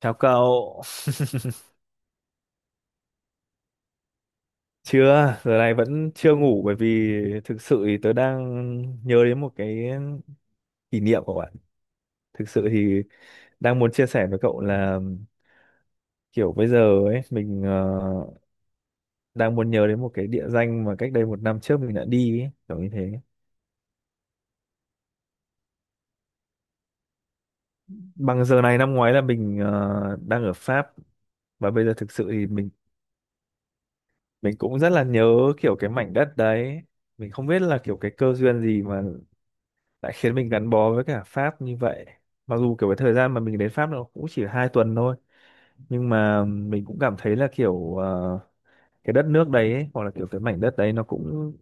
Chào cậu, chưa, giờ này vẫn chưa ngủ bởi vì thực sự thì tớ đang nhớ đến một cái kỷ niệm của bạn. Thực sự thì đang muốn chia sẻ với cậu là kiểu bây giờ ấy, mình đang muốn nhớ đến một cái địa danh mà cách đây một năm trước mình đã đi ấy, kiểu như thế. Bằng giờ này năm ngoái là mình đang ở Pháp và bây giờ thực sự thì mình cũng rất là nhớ kiểu cái mảnh đất đấy. Mình không biết là kiểu cái cơ duyên gì mà đã khiến mình gắn bó với cả Pháp như vậy, mặc dù kiểu cái thời gian mà mình đến Pháp nó cũng chỉ 2 tuần thôi, nhưng mà mình cũng cảm thấy là kiểu cái đất nước đấy ấy, hoặc là kiểu cái mảnh đất đấy nó cũng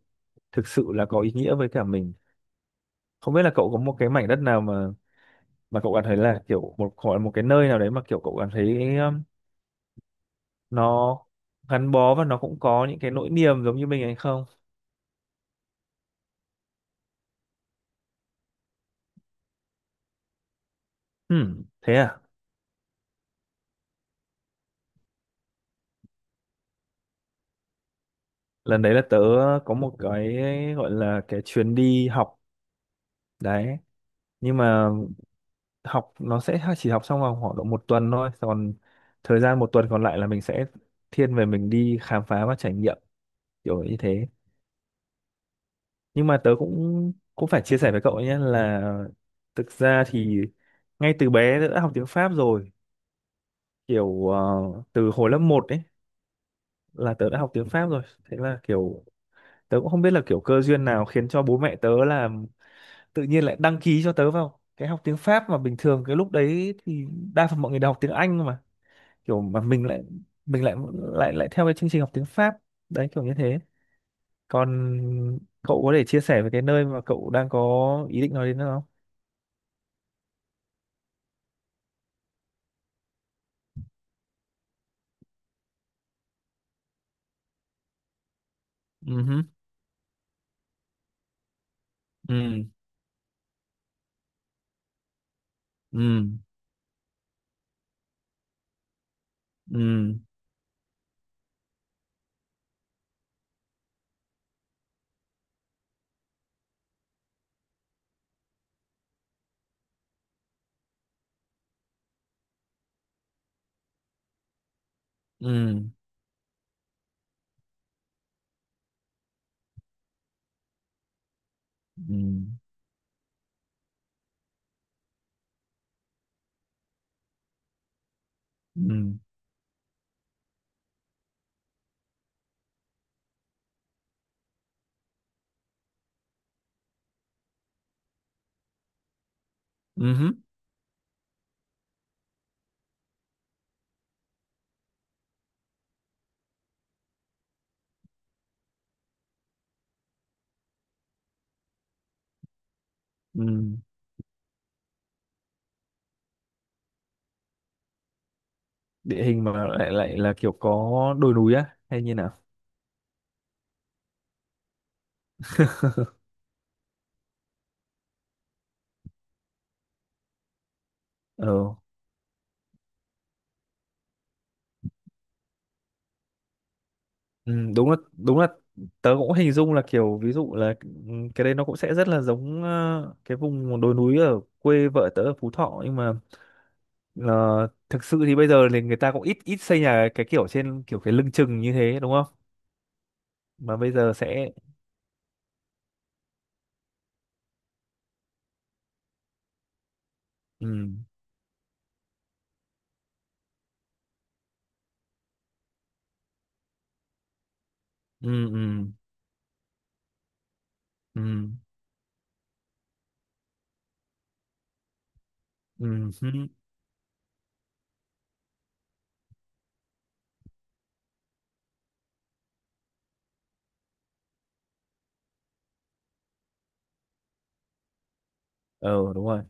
thực sự là có ý nghĩa với cả mình. Không biết là cậu có một cái mảnh đất nào mà cậu cảm thấy là kiểu một, hoặc là một cái nơi nào đấy mà kiểu cậu cảm thấy, nó gắn bó và nó cũng có những cái nỗi niềm giống như mình hay không. Hmm, thế à. Lần đấy là tớ có một cái gọi là cái chuyến đi học đấy, nhưng mà học nó sẽ chỉ học xong vào khoảng độ một tuần thôi, còn thời gian một tuần còn lại là mình sẽ thiên về mình đi khám phá và trải nghiệm, kiểu như thế. Nhưng mà tớ cũng cũng phải chia sẻ với cậu ấy nhé là thực ra thì ngay từ bé tớ đã học tiếng Pháp rồi, kiểu từ hồi lớp một ấy là tớ đã học tiếng Pháp rồi. Thế là kiểu tớ cũng không biết là kiểu cơ duyên nào khiến cho bố mẹ tớ là tự nhiên lại đăng ký cho tớ vào cái học tiếng Pháp, mà bình thường cái lúc đấy thì đa phần mọi người đều học tiếng Anh. Kiểu mà mình lại lại lại theo cái chương trình học tiếng Pháp đấy, kiểu như thế. Còn cậu có thể chia sẻ về cái nơi mà cậu đang có ý định nói đến nữa không? Ừ hứ. Ừ, ừ, ừ, ừ, ừ, ừ. Ừ hứ. Ừ. Địa hình mà lại lại là kiểu có đồi núi á, hay như nào? ờ ừ, đúng là tớ cũng hình dung là kiểu, ví dụ là ừ, cái đấy nó cũng sẽ rất là giống cái vùng đồi núi ở quê vợ tớ ở Phú Thọ. Nhưng mà ờ, thực sự thì bây giờ thì người ta cũng ít ít xây nhà cái kiểu trên kiểu cái lưng chừng như thế đúng không? Mà bây giờ sẽ, ừ, ừ, ừ, ừ, ừ hứ. ờ Đúng rồi.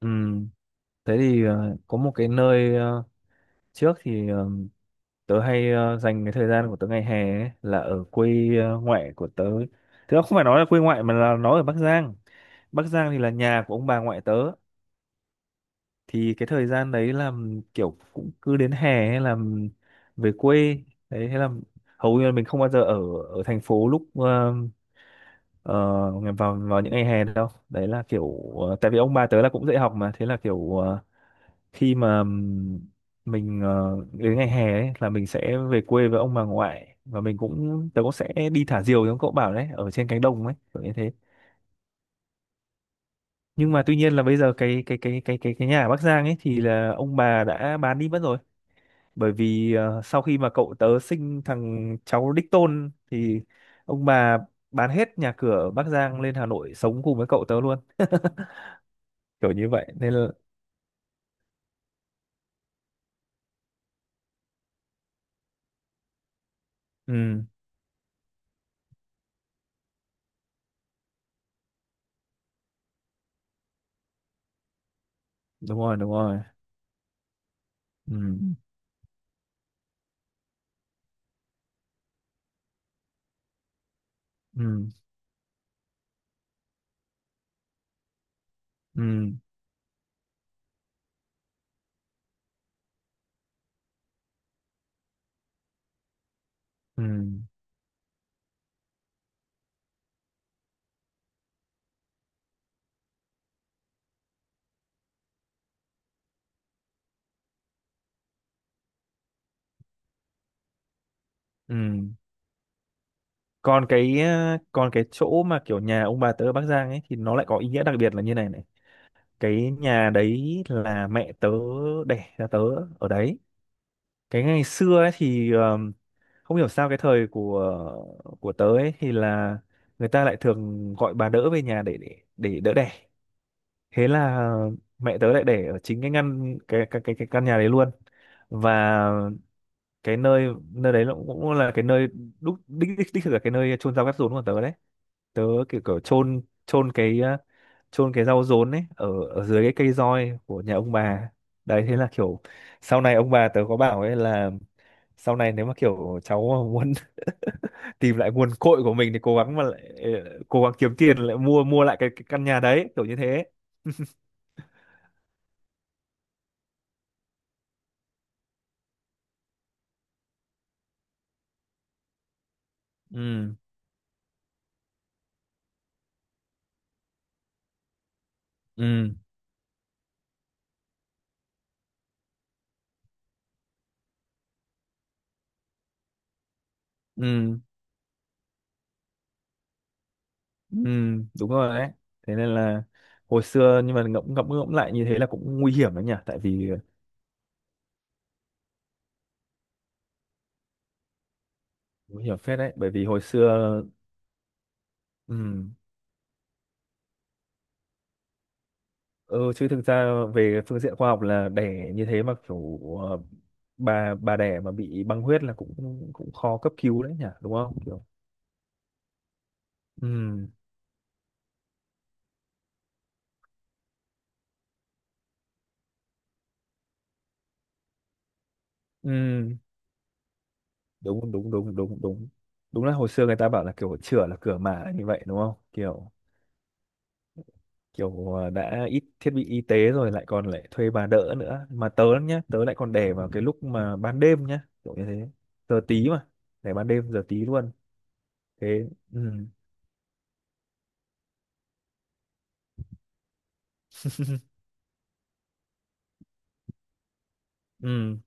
Ừ. Thế thì có một cái nơi, trước thì tớ hay dành cái thời gian của tớ ngày hè ấy, là ở quê ngoại của tớ. Thế không phải nói là quê ngoại mà là nó ở Bắc Giang. Bắc Giang thì là nhà của ông bà ngoại tớ. Thì cái thời gian đấy là kiểu cũng cứ đến hè, hay là về quê đấy, hay là hầu như là mình không bao giờ ở ở thành phố lúc ờ, vào vào những ngày hè đâu. Đấy là kiểu tại vì ông bà tớ là cũng dạy học mà, thế là kiểu khi mà mình đến ngày hè ấy, là mình sẽ về quê với ông bà ngoại, và mình cũng tớ cũng sẽ đi thả diều giống cậu bảo đấy, ở trên cánh đồng ấy, kiểu như thế. Nhưng mà tuy nhiên là bây giờ cái nhà ở Bắc Giang ấy thì là ông bà đã bán đi mất rồi, bởi vì sau khi mà cậu tớ sinh thằng cháu đích tôn thì ông bà bán hết nhà cửa ở Bắc Giang lên Hà Nội sống cùng với cậu tớ luôn, kiểu như vậy nên là. Ừ. Đúng rồi, đúng rồi. Ừ, ừ, ừ, ừ, ừ. Còn cái chỗ mà kiểu nhà ông bà tớ ở Bắc Giang ấy thì nó lại có ý nghĩa đặc biệt là như này này. Cái nhà đấy là mẹ tớ đẻ ra tớ ở đấy. Cái ngày xưa ấy thì không hiểu sao cái thời của tớ ấy thì là người ta lại thường gọi bà đỡ về nhà để đỡ đẻ. Thế là mẹ tớ lại để ở chính cái ngăn cái căn nhà đấy luôn. Và cái nơi nơi đấy nó cũng là cái nơi đích thực là cái nơi chôn rau cắt rốn của tớ đấy. Tớ kiểu kiểu chôn chôn cái ờ, chôn cái rau rốn ấy ở ở dưới cái cây roi của nhà ông bà đấy. Thế là kiểu sau này ông bà tớ có bảo ấy là, sau này nếu mà kiểu cháu mà muốn tìm lại nguồn cội của mình thì cố gắng mà lại cố gắng kiếm tiền lại mua mua lại cái căn nhà đấy, kiểu như thế. Ừ, ừ, ừ, ừ. Đúng rồi đấy. Thế nên là hồi xưa, nhưng mà ngẫm ngẫm ngẫm lại như thế là cũng nguy hiểm đấy nhỉ, tại vì nguy hiểm phết đấy, bởi vì hồi xưa. Ừ, ừ. Chứ thực ra về phương diện khoa học là đẻ như thế mà kiểu bà đẻ mà bị băng huyết là cũng cũng khó cấp cứu đấy nhỉ, đúng không, kiểu. Ừ, ừ. Đúng, đúng, đúng, đúng, đúng. Đúng là hồi xưa người ta bảo là kiểu chửa là cửa mà, như vậy đúng không, kiểu kiểu ờ, đã ít thiết bị y tế rồi, lại còn lại thuê bà đỡ nữa, mà tớ nhá, tớ lại còn để vào cái lúc mà ban đêm nhá, kiểu như thế, giờ tí mà, để ban đêm giờ tí luôn. Thế. Ừ, ừ,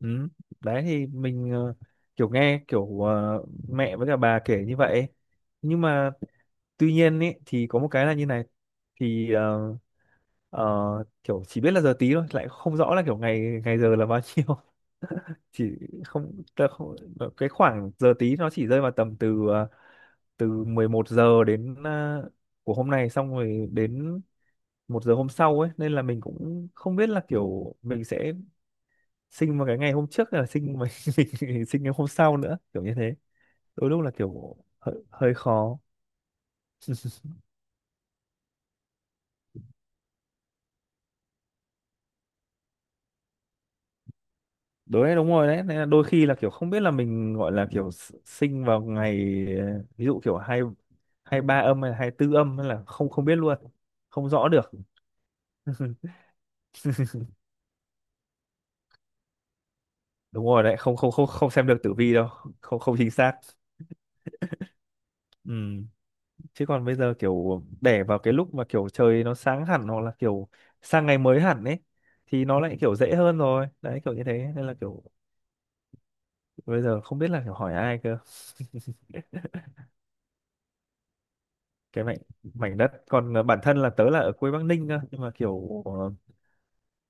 ừ. Đấy thì mình kiểu nghe kiểu mẹ với cả bà kể như vậy. Nhưng mà tuy nhiên ý, thì có một cái là như này, thì Ờ, kiểu chỉ biết là giờ tí thôi, lại không rõ là kiểu ngày ngày giờ là bao nhiêu. Chỉ không, tớ không, cái khoảng giờ tí nó chỉ rơi vào tầm từ từ 11 giờ đến của hôm nay, xong rồi đến 1 giờ hôm sau ấy, nên là mình cũng không biết là kiểu mình sẽ sinh vào cái ngày hôm trước hay là sinh mình, mình sinh ngày hôm sau nữa, kiểu như thế. Đôi lúc là kiểu hơi khó. Đấy, đúng rồi đấy. Nên là đôi khi là kiểu không biết là mình gọi là kiểu sinh vào ngày ví dụ kiểu hai 23 âm hay 24 âm, hay là không không biết luôn, không rõ được. Đúng rồi đấy, không, không, không, không xem được tử vi đâu, không, không chính xác. Ừ. Chứ còn bây giờ kiểu đẻ vào cái lúc mà kiểu trời nó sáng hẳn, hoặc là kiểu sang ngày mới hẳn ấy, thì nó lại kiểu dễ hơn rồi đấy, kiểu như thế, nên là kiểu bây giờ không biết là kiểu hỏi ai cơ. Cái mảnh mảnh đất còn bản thân là tớ là ở quê Bắc Ninh cơ, nhưng mà kiểu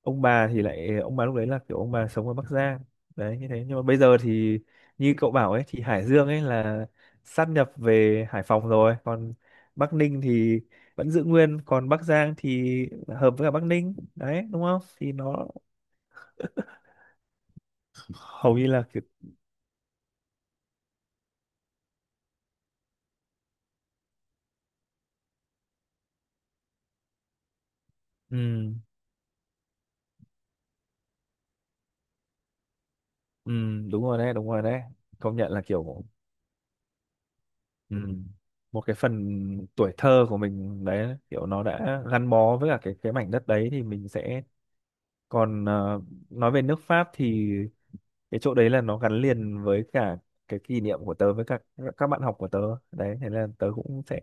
ông bà lúc đấy là kiểu ông bà sống ở Bắc Giang đấy, như thế. Nhưng mà bây giờ thì như cậu bảo ấy, thì Hải Dương ấy là sát nhập về Hải Phòng rồi, còn Bắc Ninh thì vẫn giữ nguyên, còn Bắc Giang thì hợp với cả Bắc Ninh đấy đúng không, thì nó hầu như là kiểu. Ừ, ừ. Đúng rồi đấy, đúng rồi đấy, công nhận là kiểu. Ừ. Một cái phần tuổi thơ của mình đấy, kiểu nó đã gắn bó với cả cái mảnh đất đấy thì mình sẽ. Còn nói về nước Pháp thì cái chỗ đấy là nó gắn liền với cả cái kỷ niệm của tớ với các bạn học của tớ đấy, thế là tớ cũng sẽ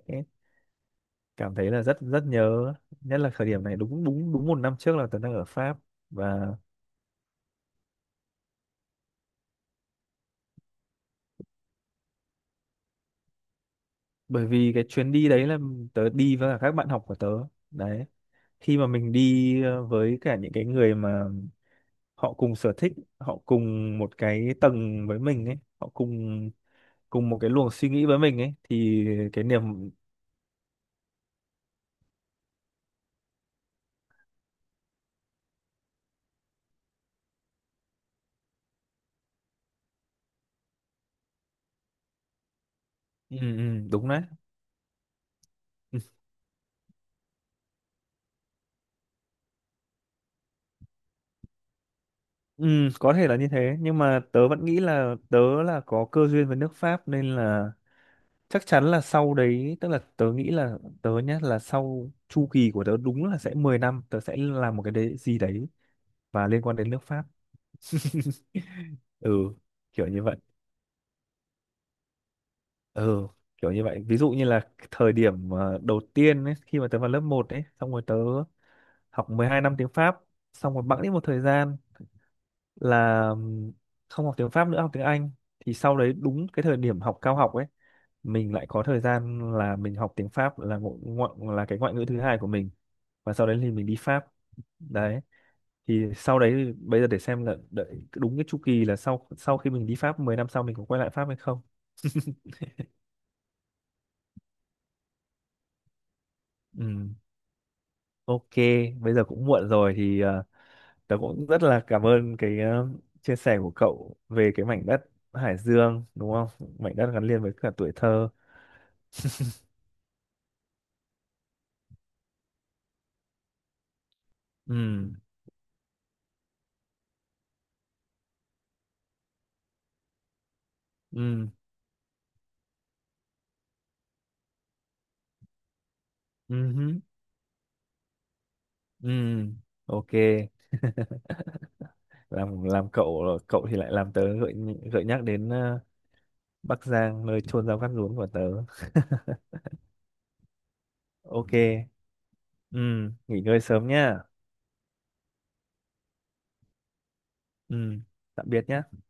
cảm thấy là rất rất nhớ, nhất là thời điểm này. Đúng, đúng, đúng, một năm trước là tớ đang ở Pháp. Và bởi vì cái chuyến đi đấy là tớ đi với cả các bạn học của tớ đấy, khi mà mình đi với cả những cái người mà họ cùng sở thích, họ cùng một cái tầng với mình ấy, họ cùng cùng một cái luồng suy nghĩ với mình ấy, thì cái niềm. Ừ, ừ, đúng đấy. Ừ, ừ, có thể là như thế, nhưng mà tớ vẫn nghĩ là tớ là có cơ duyên với nước Pháp, nên là chắc chắn là sau đấy, tức là tớ nghĩ là tớ nhá, là sau chu kỳ của tớ, đúng là sẽ 10 năm tớ sẽ làm một cái đấy gì đấy và liên quan đến nước Pháp. Ừ, kiểu như vậy. Ừ, kiểu như vậy, ví dụ như là cái thời điểm đầu tiên ấy, khi mà tớ vào lớp một ấy, xong rồi tớ học 12 năm tiếng Pháp, xong rồi bẵng đi một thời gian là không học tiếng Pháp nữa, học tiếng Anh, thì sau đấy đúng cái thời điểm học cao học ấy mình lại có thời gian là mình học tiếng Pháp là ngo ngo- là cái ngoại ngữ thứ hai của mình, và sau đấy thì mình đi Pháp đấy. Thì sau đấy thì bây giờ để xem là đợi đúng cái chu kỳ là, sau sau khi mình đi Pháp 10 năm, sau mình có quay lại Pháp hay không. Ừ. Ok, bây giờ cũng muộn rồi thì tớ cũng rất là cảm ơn cái chia sẻ của cậu về cái mảnh đất Hải Dương, đúng không? Mảnh đất gắn liền với cả tuổi thơ. Ừ, ừ, ừ, ừ, ok. Làm cậu cậu thì lại làm tớ gợi gợi nhắc đến Bắc Giang, nơi chôn rau cắt rúm của tớ. Ok, ừ, nghỉ ngơi sớm nhá. Ừ, tạm biệt nhá.